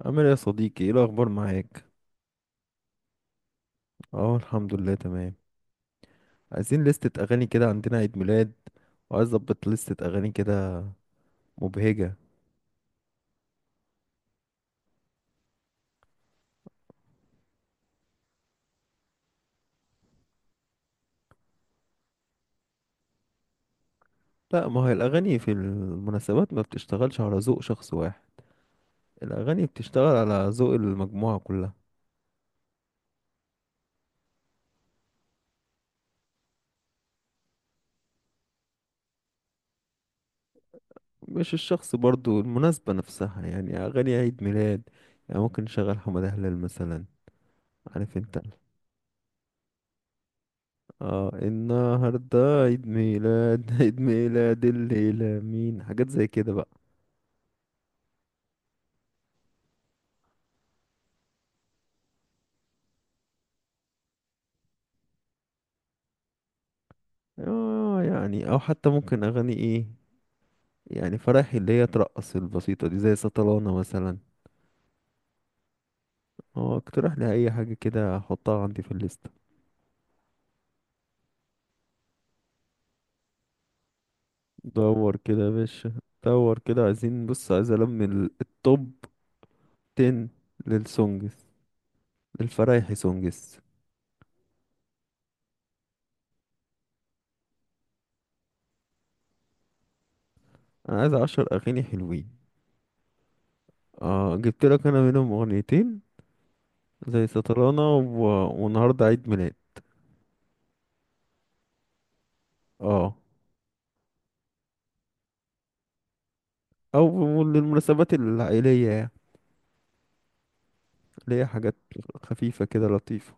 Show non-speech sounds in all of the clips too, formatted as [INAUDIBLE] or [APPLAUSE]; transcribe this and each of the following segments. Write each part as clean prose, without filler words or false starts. عامل ايه يا صديقي؟ ايه الاخبار معاك؟ اه الحمد لله تمام. عايزين لستة اغاني كده، عندنا عيد ميلاد وعايز اظبط لستة اغاني كده، مبهجة. لا، ما هي الاغاني في المناسبات ما بتشتغلش على ذوق شخص واحد، الاغاني بتشتغل على ذوق المجموعة كلها. مش الشخص برضو، المناسبة نفسها، يعني اغاني عيد ميلاد يعني ممكن نشغل حمادة هلال مثلا، عارف انت. اه النهارده عيد ميلاد [LAUGHS] عيد ميلاد الليلة مين، حاجات زي كده بقى. اه يعني او حتى ممكن اغاني ايه، يعني فرايحي اللي هي ترقص البسيطة دي، زي سطلانة مثلا. هو اقترح لي اي حاجة كده احطها عندي في الليستة. دور كده يا باشا، دور كده. عايزين، بص، عايز التوب 10 للسونجز، للفرايحي سونجز. انا عايز 10 اغاني حلوين. اه جبت لك انا منهم اغنيتين، زي سطلانة والنهاردة عيد ميلاد. اه او للمناسبات العائلية يعني، اللي هي حاجات خفيفة كده، لطيفة.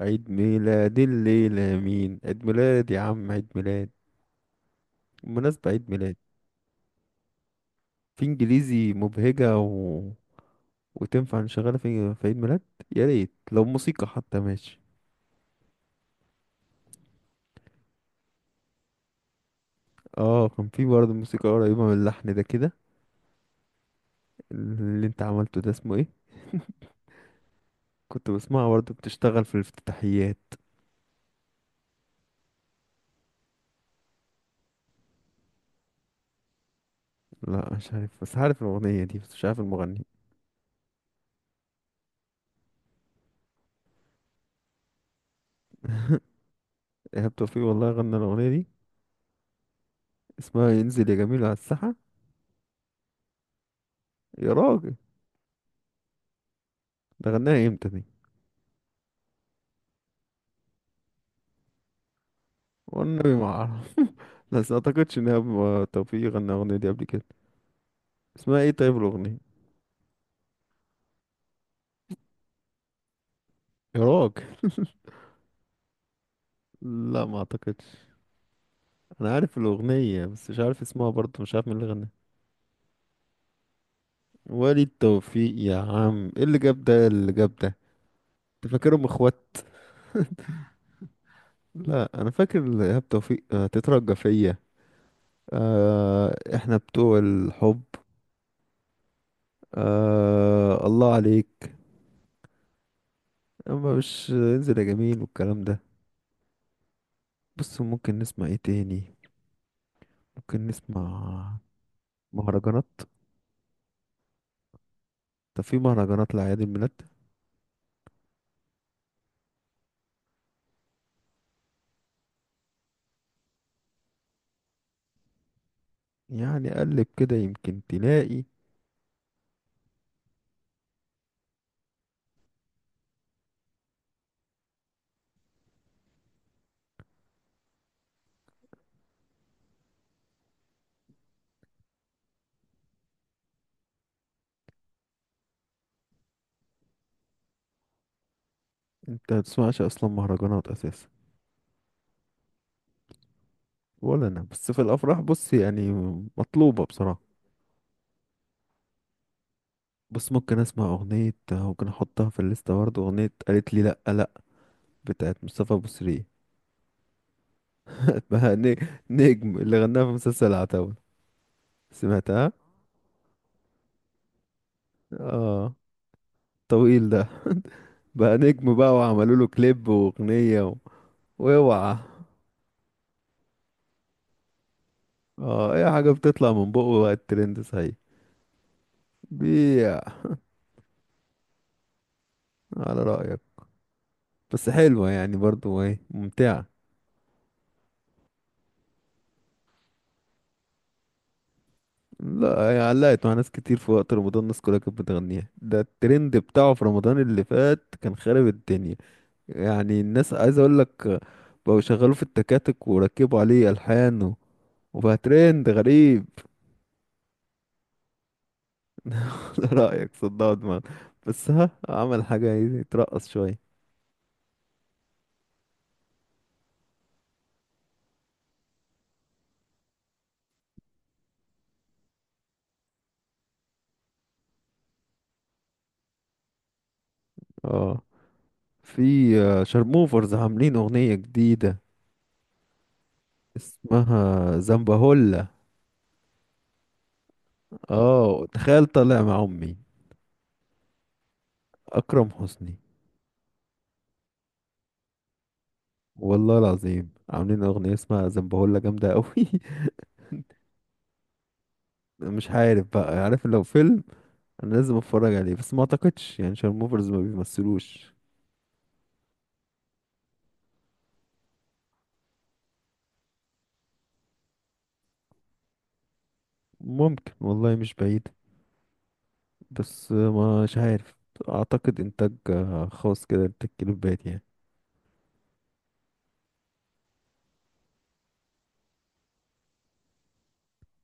عيد ميلاد الليلة مين، عيد ميلاد يا عم، عيد ميلاد بالمناسبة، عيد ميلاد. في انجليزي مبهجة وتنفع نشغلها في عيد ميلاد. يا ريت لو موسيقى حتى ماشي. اه كان في برضه موسيقى قريبة من اللحن ده كده اللي انت عملته ده، اسمه ايه؟ كنت بسمعها برضه بتشتغل في الافتتاحيات. لا مش عارف، بس عارف الأغنية دي، بس مش عارف المغني. إيهاب توفيق والله غنى الأغنية دي، اسمها ينزل يا جميل على الساحة. يا راجل، ده غناها امتى دي؟ والنبي ما أعرف، بس اعتقدش ان هو توفيق غنى الاغنيه دي قبل كده. اسمها ايه طيب الاغنيه؟ يا راجل، لا ما اعتقدش. انا عارف الاغنيه بس مش عارف اسمها، برضه مش عارف مين اللي غناها. وليد توفيق؟ يا عم ايه اللي جاب ده، إيه اللي جاب ده؟ انت فاكرهم اخوات؟ لا انا فاكر ايهاب توفيق. تترجى فيا، احنا بتوع الحب، الله عليك. اما مش انزل يا جميل والكلام ده. بص ممكن نسمع ايه تاني، ممكن نسمع مهرجانات؟ طب في مهرجانات لأعياد الميلاد؟ يعني قلب كده يمكن تلاقي. انت متسمعش اصلا مهرجانات اساسا؟ ولا انا، بس في الافراح بص يعني، مطلوبة بصراحة. بس ممكن اسمع اغنية ممكن احطها في الليستة برضه، اغنية قالت لي لأ لأ بتاعت مصطفى بوسرية، اسمها [LAUGHS] نجم، اللي غناها في مسلسل العتاولة، سمعتها؟ اه طويل ده، بقى نجم بقى وعملوا له كليب واغنية واوعى. اه اي حاجة بتطلع من بقه بقى الترند، صحيح. بيع، على رأيك. بس حلوة يعني برضو، ايه، ممتعة. لا هي علقت مع ناس كتير في وقت رمضان، الناس كلها كانت بتغنيها، ده الترند بتاعه في رمضان اللي فات كان خارب الدنيا. يعني الناس، عايز اقول لك، بقوا شغالوا في التكاتك وركبوا عليه الحان وبقى ترند غريب. [LAUGHS] لا رأيك صدقوا دماغ، بس ها عمل حاجة يترقص شوية. اه في شارموفرز عاملين اغنية جديدة اسمها زنبهولا. اه تخيل طالع مع امي اكرم حسني، والله العظيم عاملين أغنية اسمها زنبهولة جامدة أوي. [LAUGHS] مش عارف بقى، عارف لو فيلم أنا لازم أتفرج عليه، بس ما أعتقدش يعني شارموفرز ما بيمثلوش. ممكن والله، مش بعيد، بس ما مش عارف. أعتقد إنتاج خاص كده، إنتاج كليبات يعني.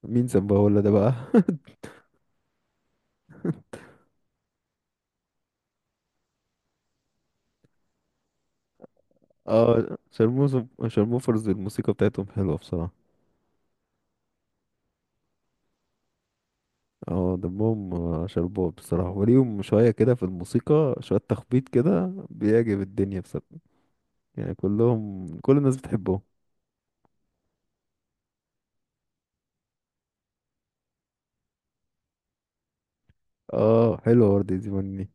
مين زنبهولة ده بقى؟ [LAUGHS] اه شارموفرز الموسيقى بتاعتهم حلوة بصراحة. اه دمهم شربات بصراحة، وليهم شوية كده في الموسيقى، شوية تخبيط كده بيعجب الدنيا بصراحة. يعني كلهم، كل الناس بتحبهم. اه حلوة وردة زماني.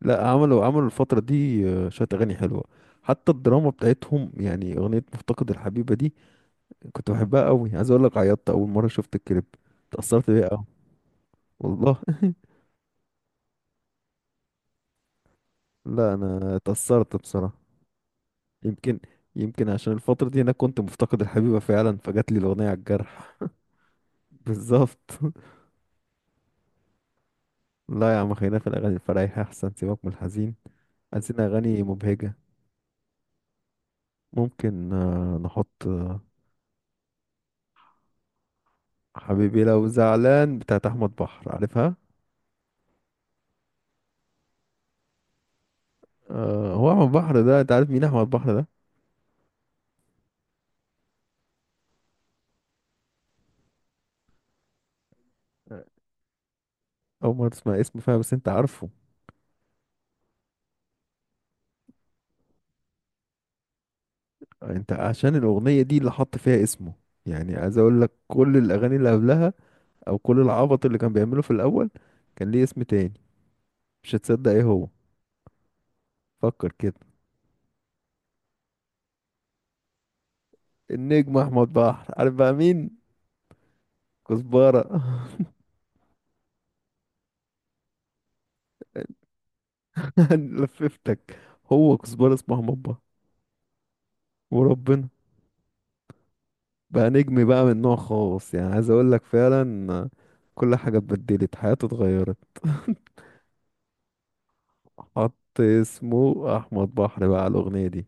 لا عملوا الفترة دي شوية أغاني حلوة، حتى الدراما بتاعتهم، يعني أغنية مفتقد الحبيبة دي كنت بحبها قوي. عايز أقول لك عيطت أول مرة شفت الكليب، اتأثرت بيها قوي، والله. [LAUGHS] لا أنا اتأثرت بصراحة. يمكن يمكن عشان الفترة دي أنا كنت مفتقد الحبيبة فعلا، فجات لي الأغنية على الجرح. بالظبط. [LAUGHS] لا يا عم خلينا في الأغاني الفرايحة أحسن، سيبك من الحزين. عايزين أغاني مبهجة. ممكن نحط حبيبي لو زعلان بتاعت احمد بحر، عارفها؟ آه، هو احمد بحر ده انت عارف مين احمد بحر ده؟ اول ما تسمع اسمه فيها، بس انت عارفه. انت عشان الاغنيه دي اللي حط فيها اسمه، يعني عايز اقول لك كل الاغاني اللي قبلها، او كل العبط اللي كان بيعمله في الاول، كان ليه اسم تاني. مش هتصدق ايه هو، فكر كده. النجم احمد بحر، عارف بقى مين؟ كزبره. [LAUGHS] لففتك. هو كزبره اسمه احمد بحر، وربنا. بقى نجم بقى من نوع خاص، يعني عايز اقول لك فعلا كل حاجة اتبدلت، حياته اتغيرت. [LAUGHS] حط اسمه احمد بحر بقى على الاغنية دي.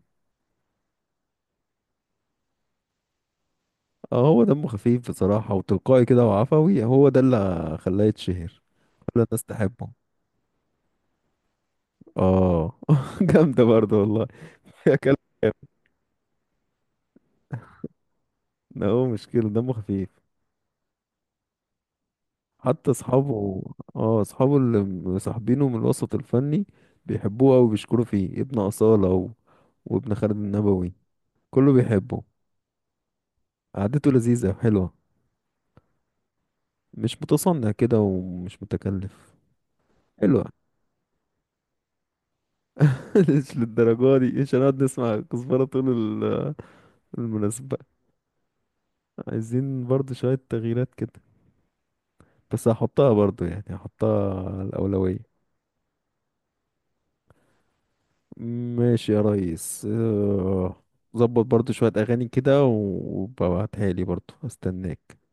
اه هو دمه خفيف بصراحة، وتلقائي كده وعفوي، هو ده اللي خلاه يتشهر. كل الناس تحبه. اه [LAUGHS] جامدة برضه والله. [LAUGHS] يا كلام. لا هو مش كده دمه خفيف، حتى اصحابه. اه اصحابه اللي مصاحبينه من الوسط الفني بيحبوه أوي وبيشكروا فيه، ابن أصالة وابن خالد النبوي، كله بيحبه. قعدته لذيذة حلوة، مش متصنع كده ومش متكلف. حلوة. [LAUGHS] مش للدرجة دي، مش هنقعد نسمع كزبرة طول ال- المناسبة. عايزين برضو شوية تغييرات كده، بس هحطها برضو يعني، هحطها على الأولوية. ماشي يا ريس. ظبط برضو شوية أغاني كده وببعتها لي برضو، استناك.